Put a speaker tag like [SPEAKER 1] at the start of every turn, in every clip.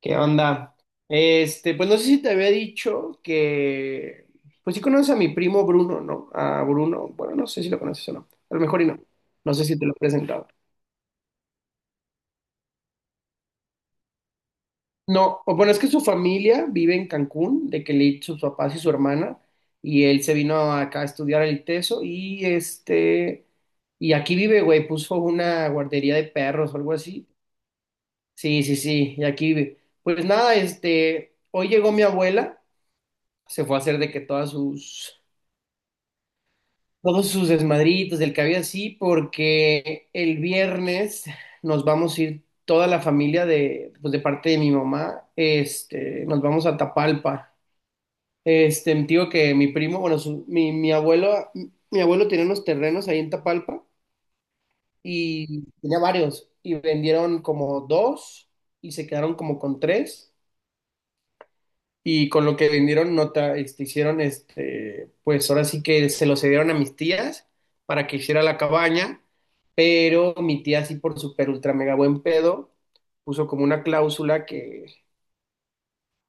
[SPEAKER 1] ¿Qué onda? Este, pues no sé si te había dicho que, pues sí conoces a mi primo Bruno, ¿no? A Bruno, bueno, no sé si lo conoces o no, a lo mejor y no, no sé si te lo he presentado. No, o bueno, es que su familia vive en Cancún, de que le sus papás y su hermana, y él se vino acá a estudiar el ITESO, y este, y aquí vive, güey, puso una guardería de perros o algo así. Sí, sí, sí, y aquí vive. Pues nada, este, hoy llegó mi abuela, se fue a hacer de que todas sus todos sus desmadritos del que había así, porque el viernes nos vamos a ir toda la familia de, pues de parte de mi mamá, este, nos vamos a Tapalpa. Este, digo que mi primo, bueno, su- mi abuelo, mi abuelo tenía unos terrenos ahí en Tapalpa y tenía varios y vendieron como dos y se quedaron como con tres, y con lo que vendieron nota, este, hicieron este, pues ahora sí que se lo cedieron a mis tías para que hiciera la cabaña, pero mi tía así por super ultra mega buen pedo puso como una cláusula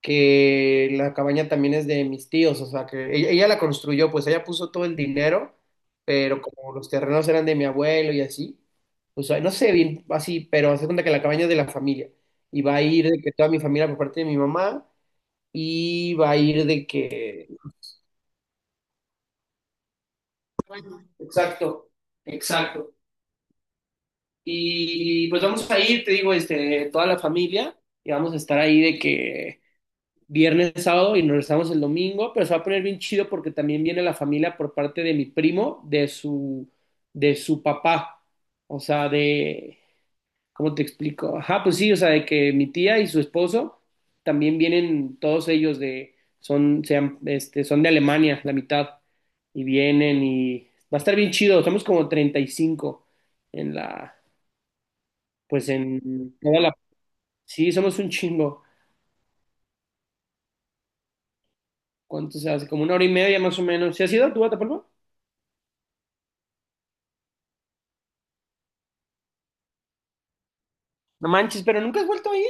[SPEAKER 1] que la cabaña también es de mis tíos, o sea que ella la construyó, pues ella puso todo el dinero, pero como los terrenos eran de mi abuelo y así, o sea, no sé bien así, pero hace cuenta que la cabaña es de la familia y va a ir de que toda mi familia por parte de mi mamá y va a ir de que... Exacto, exacto. Y pues vamos a ir, te digo, este, toda la familia y vamos a estar ahí de que viernes, sábado y nos regresamos el domingo, pero se va a poner bien chido porque también viene la familia por parte de mi primo, de su papá, o sea, de, ¿cómo te explico? Ajá, pues sí, o sea, de que mi tía y su esposo también vienen, todos ellos de, son, sean, este, son de Alemania, la mitad, y vienen y va a estar bien chido, somos como 35 en la, pues en toda la, sí, somos un chingo. ¿Cuánto se hace? Como una hora y media más o menos. ¿Se has ido tú a Tapalpa? No manches, pero nunca has vuelto a ir.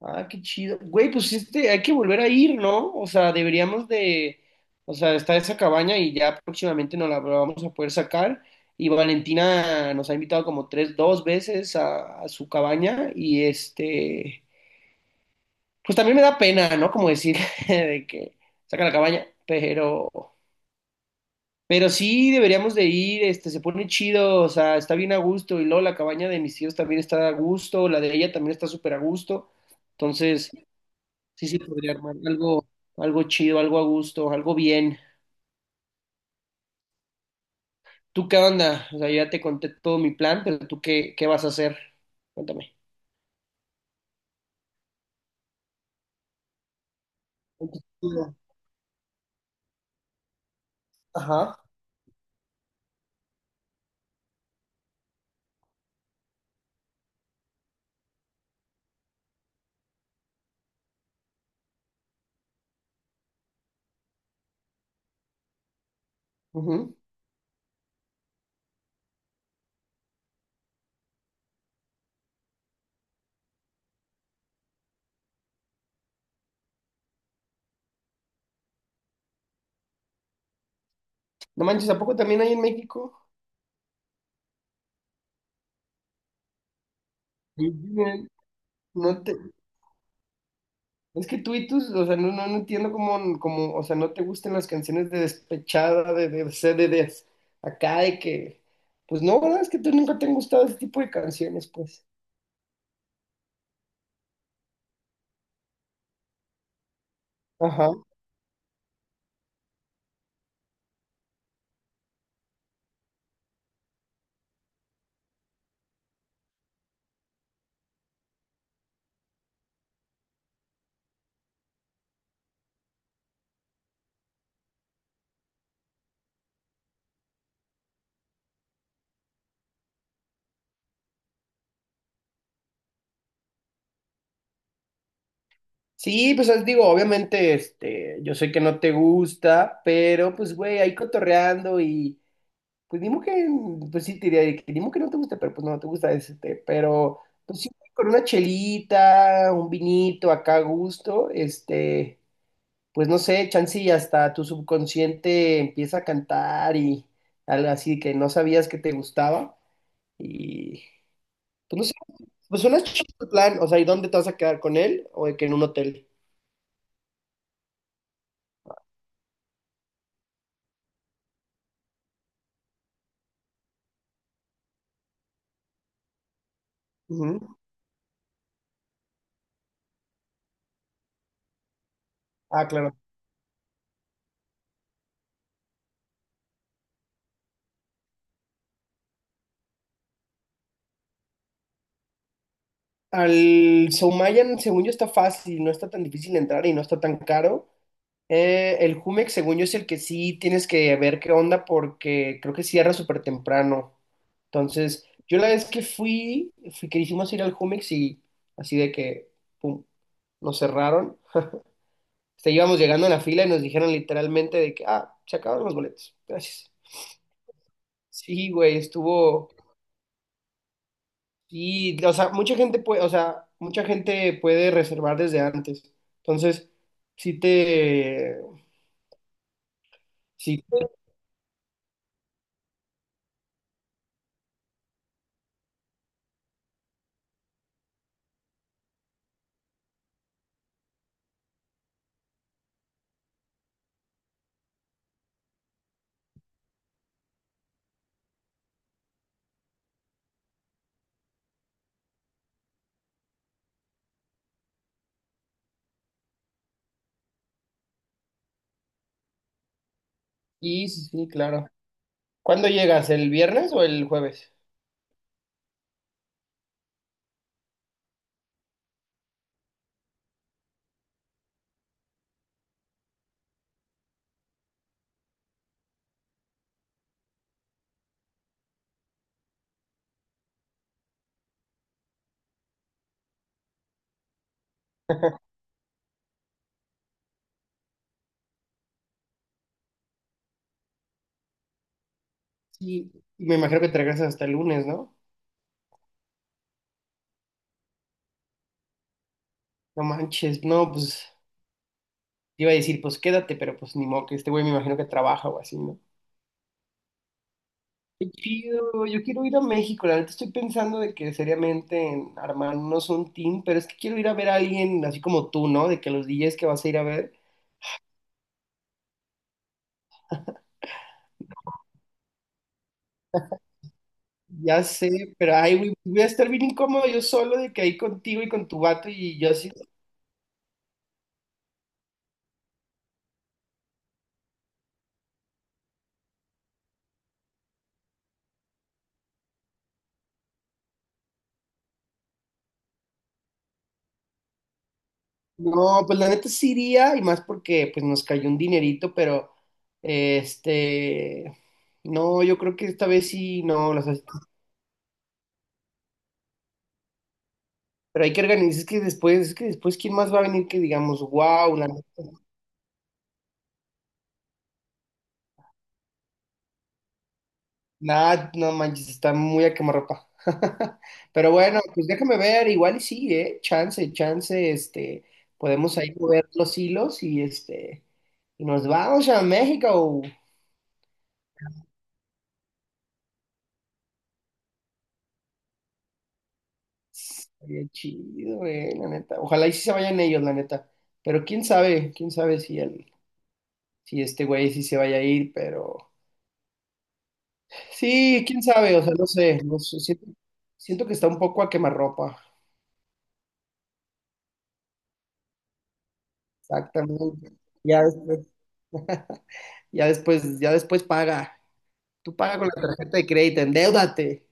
[SPEAKER 1] Ah, qué chido. Güey, pues sí, este, hay que volver a ir, ¿no? O sea, deberíamos de, o sea, está esa cabaña y ya próximamente nos la vamos a poder sacar. Y Valentina nos ha invitado como tres, dos veces a su cabaña y este, pues también me da pena, ¿no? Como decir de que saca la cabaña, pero sí deberíamos de ir, este, se pone chido, o sea, está bien a gusto y luego la cabaña de mis tíos también está a gusto, la de ella también está súper a gusto. Entonces... Sí, sí, podría armar algo, algo chido, algo a gusto, algo bien. ¿Tú qué onda? O sea, yo ya te conté todo mi plan, pero ¿tú qué, qué vas a hacer? Cuéntame. Ajá. Ujú. No manches, ¿a poco también hay en México? Sí, miren. No te, es que tú y tus, o sea, no, no, no entiendo cómo, cómo, o sea, no te gustan las canciones de despechada, de- acá, de que, pues no, ¿verdad? Es que tú nunca te han gustado ese tipo de canciones, pues. Ajá. Sí, pues os digo, obviamente, este, yo sé que no te gusta, pero pues güey, ahí cotorreando y pues dimo que, pues sí, te diría de que dimo que no te gusta, pero pues no te gusta este, pero pues sí, con una chelita, un vinito acá a gusto, este, pues no sé, chance y hasta tu subconsciente empieza a cantar y algo así que no sabías que te gustaba y pues no sé, pues suena chido el plan, o sea, ¿y dónde te vas a quedar con él o de que en un hotel? Ujú. Ah, claro. Al Soumayan, según yo, está fácil, no está tan difícil entrar y no está tan caro. El Jumex, según yo, es el que sí tienes que ver qué onda porque creo que cierra súper temprano. Entonces, yo la vez que fui, fui que hicimos ir al Jumex y así de que, pum, nos cerraron. O sea, íbamos llegando en la fila y nos dijeron literalmente de que, ah, se acabaron los boletos. Gracias. Sí, güey, estuvo. Y, o sea, mucha gente puede, o sea, mucha gente puede reservar desde antes. Entonces, sí te, sí, sí, sí, sí, claro. ¿Cuándo llegas? ¿El viernes o el jueves? Sí, y me imagino que te regresas hasta el lunes, ¿no? No manches, no, pues, te iba a decir, pues quédate, pero pues ni modo que este güey me imagino que trabaja o así, ¿no? Qué chido, yo quiero ir a México, la neta estoy pensando de que seriamente en armarnos un team, pero es que quiero ir a ver a alguien así como tú, ¿no? De que los DJs que vas a ir a ver. Ya sé, pero ay, güey, voy a estar bien incómodo yo solo de que ahí contigo y con tu vato y yo así. No, pues la neta sí iría y más porque pues nos cayó un dinerito, pero este, no, yo creo que esta vez sí, no, las, pero hay que organizar, es que después, ¿quién más va a venir que digamos, wow? Nah, no manches, está muy a quemarropa. Pero bueno, pues déjame ver, igual y sí, chance, chance, este, podemos ahí mover los hilos y este, y nos vamos a México. Sería chido, la neta. Ojalá y sí se vayan ellos, la neta. Pero quién sabe si el, si este güey sí se vaya a ir, pero sí, quién sabe, o sea, no sé, no sé, siento, siento que está un poco a quemarropa. Exactamente. Ya después, ya después paga. Tú paga con la tarjeta de crédito, endeúdate.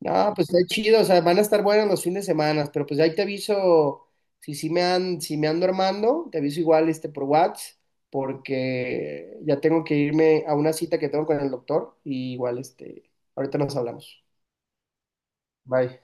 [SPEAKER 1] No, pues está chido, o sea, van a estar buenos los fines de semana, pero pues ahí te aviso, si sí me han, si me ando armando, te aviso igual este por WhatsApp, porque ya tengo que irme a una cita que tengo con el doctor, y igual este, ahorita nos hablamos. Bye.